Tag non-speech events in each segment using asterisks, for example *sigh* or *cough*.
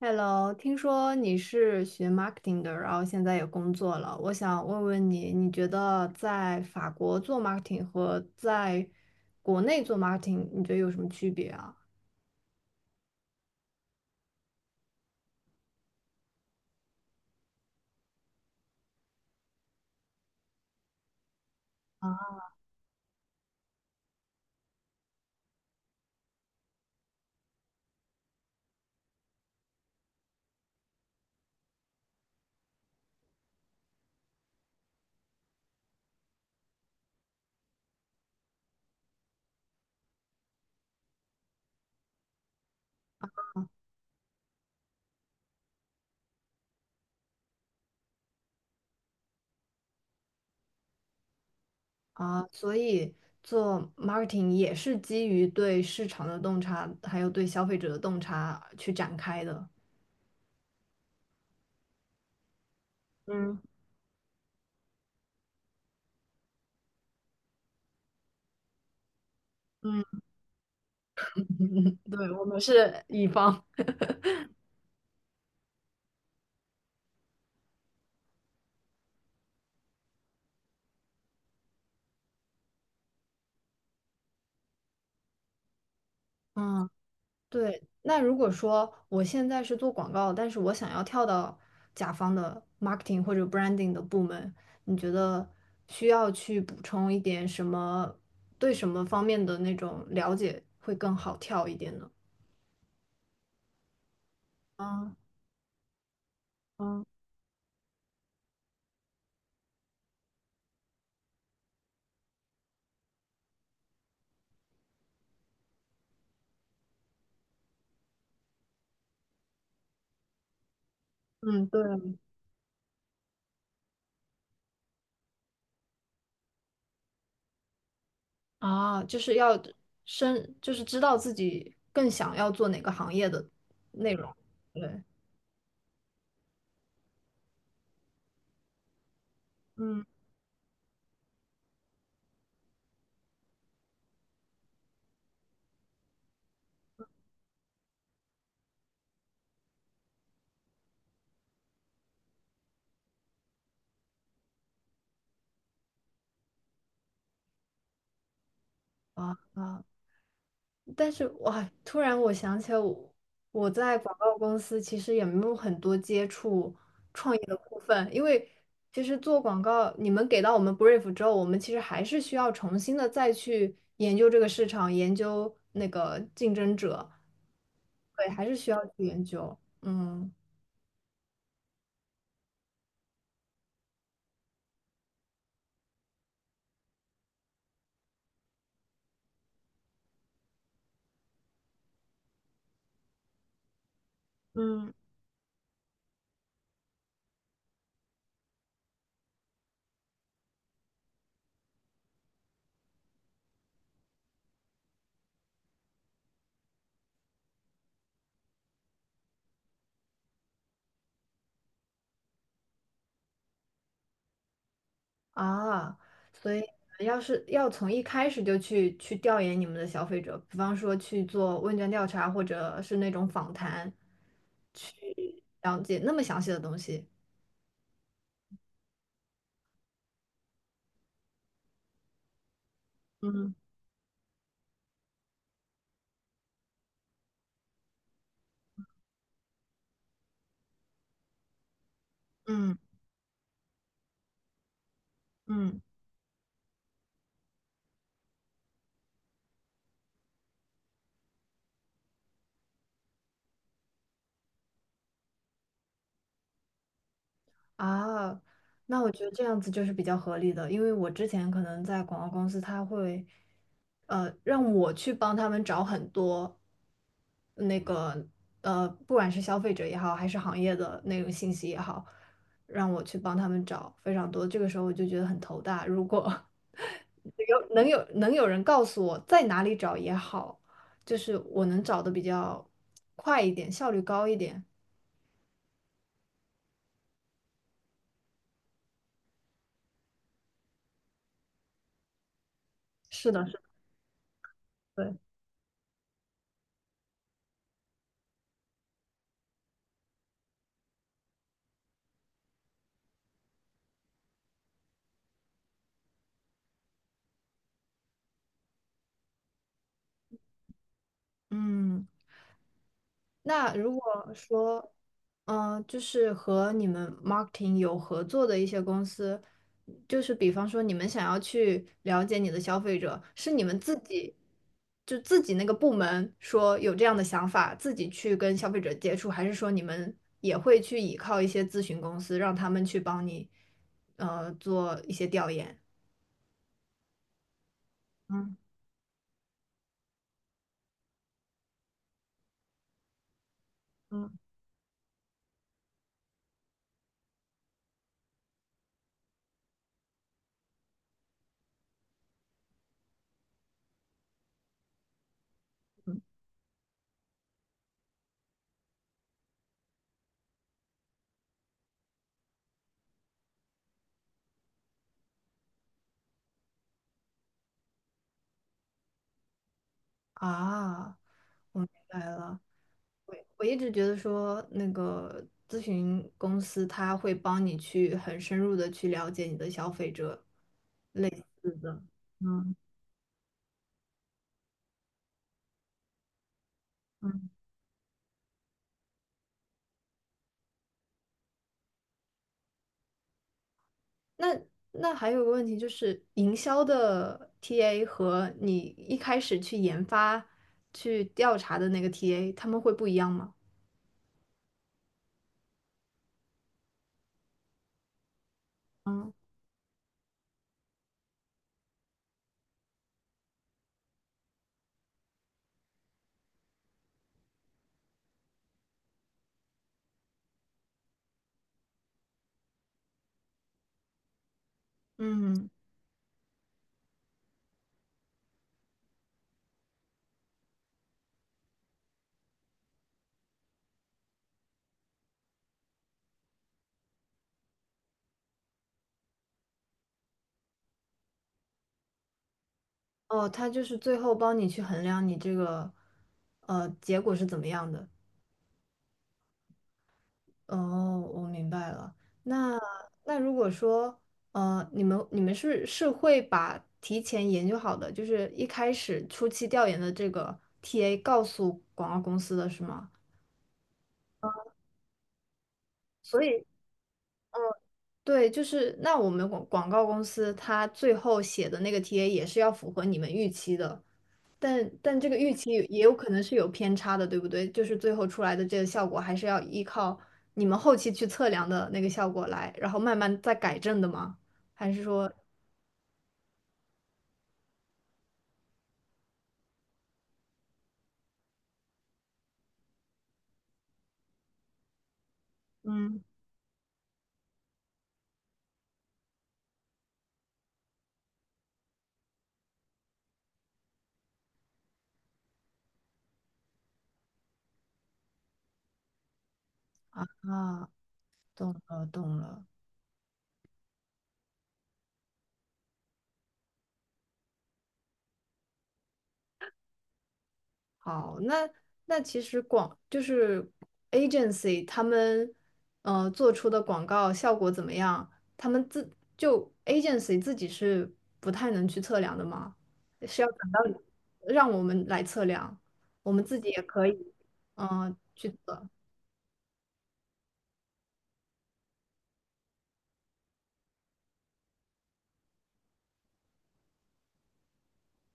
Hello,听说你是学 marketing 的，然后现在也工作了。我想问问你，你觉得在法国做 marketing 和在国内做 marketing，你觉得有什么区别啊？啊，所以做 marketing 也是基于对市场的洞察，还有对消费者的洞察去展开的。嗯，嗯，*laughs* 对，我们是乙方。嗯。对，那如果说我现在是做广告，但是我想要跳到甲方的 marketing 或者 branding 的部门，你觉得需要去补充一点什么，对什么方面的那种了解会更好跳一点呢？啊啊，嗯，对啊，就是要深，就是知道自己更想要做哪个行业的内容。对，嗯。啊啊，但是哇，突然我想起来我在广告公司其实也没有很多接触创业的部分，因为其实做广告，你们给到我们 brief 之后，我们其实还是需要重新的再去研究这个市场，研究那个竞争者，对，还是需要去研究。嗯，嗯，啊，所以你们要是要从一开始就去调研你们的消费者，比方说去做问卷调查，或者是那种访谈，去了解那么详细的东西。嗯，嗯，嗯。啊，那我觉得这样子就是比较合理的，因为我之前可能在广告公司，他会，让我去帮他们找很多那个，不管是消费者也好，还是行业的那种信息也好，让我去帮他们找非常多。这个时候我就觉得很头大，如果 *laughs* 有人告诉我在哪里找也好，就是我能找的比较快一点，效率高一点。是的，是的，对，嗯。那如果说，嗯、就是和你们 marketing 有合作的一些公司，就是比方说你们想要去了解你的消费者，是你们自己就自己那个部门说有这样的想法，自己去跟消费者接触，还是说你们也会去依靠一些咨询公司，让他们去帮你，做一些调研？嗯，嗯，啊，我明白了。我一直觉得说，那个咨询公司他会帮你去很深入的去了解你的消费者，类似的。那那还有个问题就是，营销的 TA 和你一开始去研发、去调查的那个 TA，他们会不一样吗？嗯，嗯，哦，他就是最后帮你去衡量你这个结果是怎么样的。哦，我明白了。那那如果说，你们是会把提前研究好的，就是一开始初期调研的这个 TA 告诉广告公司的是吗？所以对，就是那我们告公司它最后写的那个 TA 也是要符合你们预期的，但这个预期也有可能是有偏差的，对不对？就是最后出来的这个效果，还是要依靠你们后期去测量的那个效果来，然后慢慢再改正的吗？还是说，嗯，啊，懂了懂了。好，那那其实广就是 agency 他们做出的广告效果怎么样？他们自就 agency 自己是不太能去测量的吗？是要等到让我们来测量，我们自己也可以嗯、去测。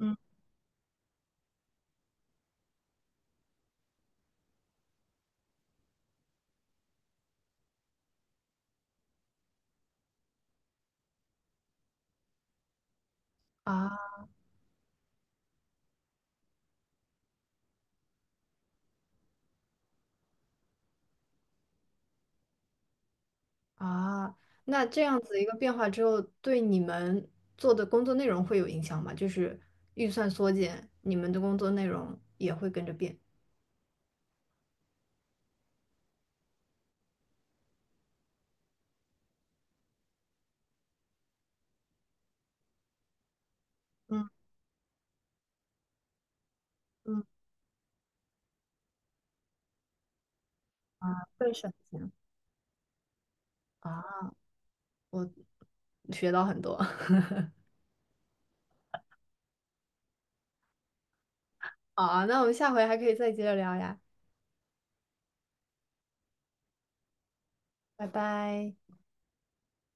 嗯，啊啊，那这样子一个变化之后，对你们做的工作内容会有影响吗？就是预算缩减，你们的工作内容也会跟着变。嗯，嗯，会省钱啊，我学到很多 *laughs* 好啊，那我们下回还可以再接着聊呀，拜拜。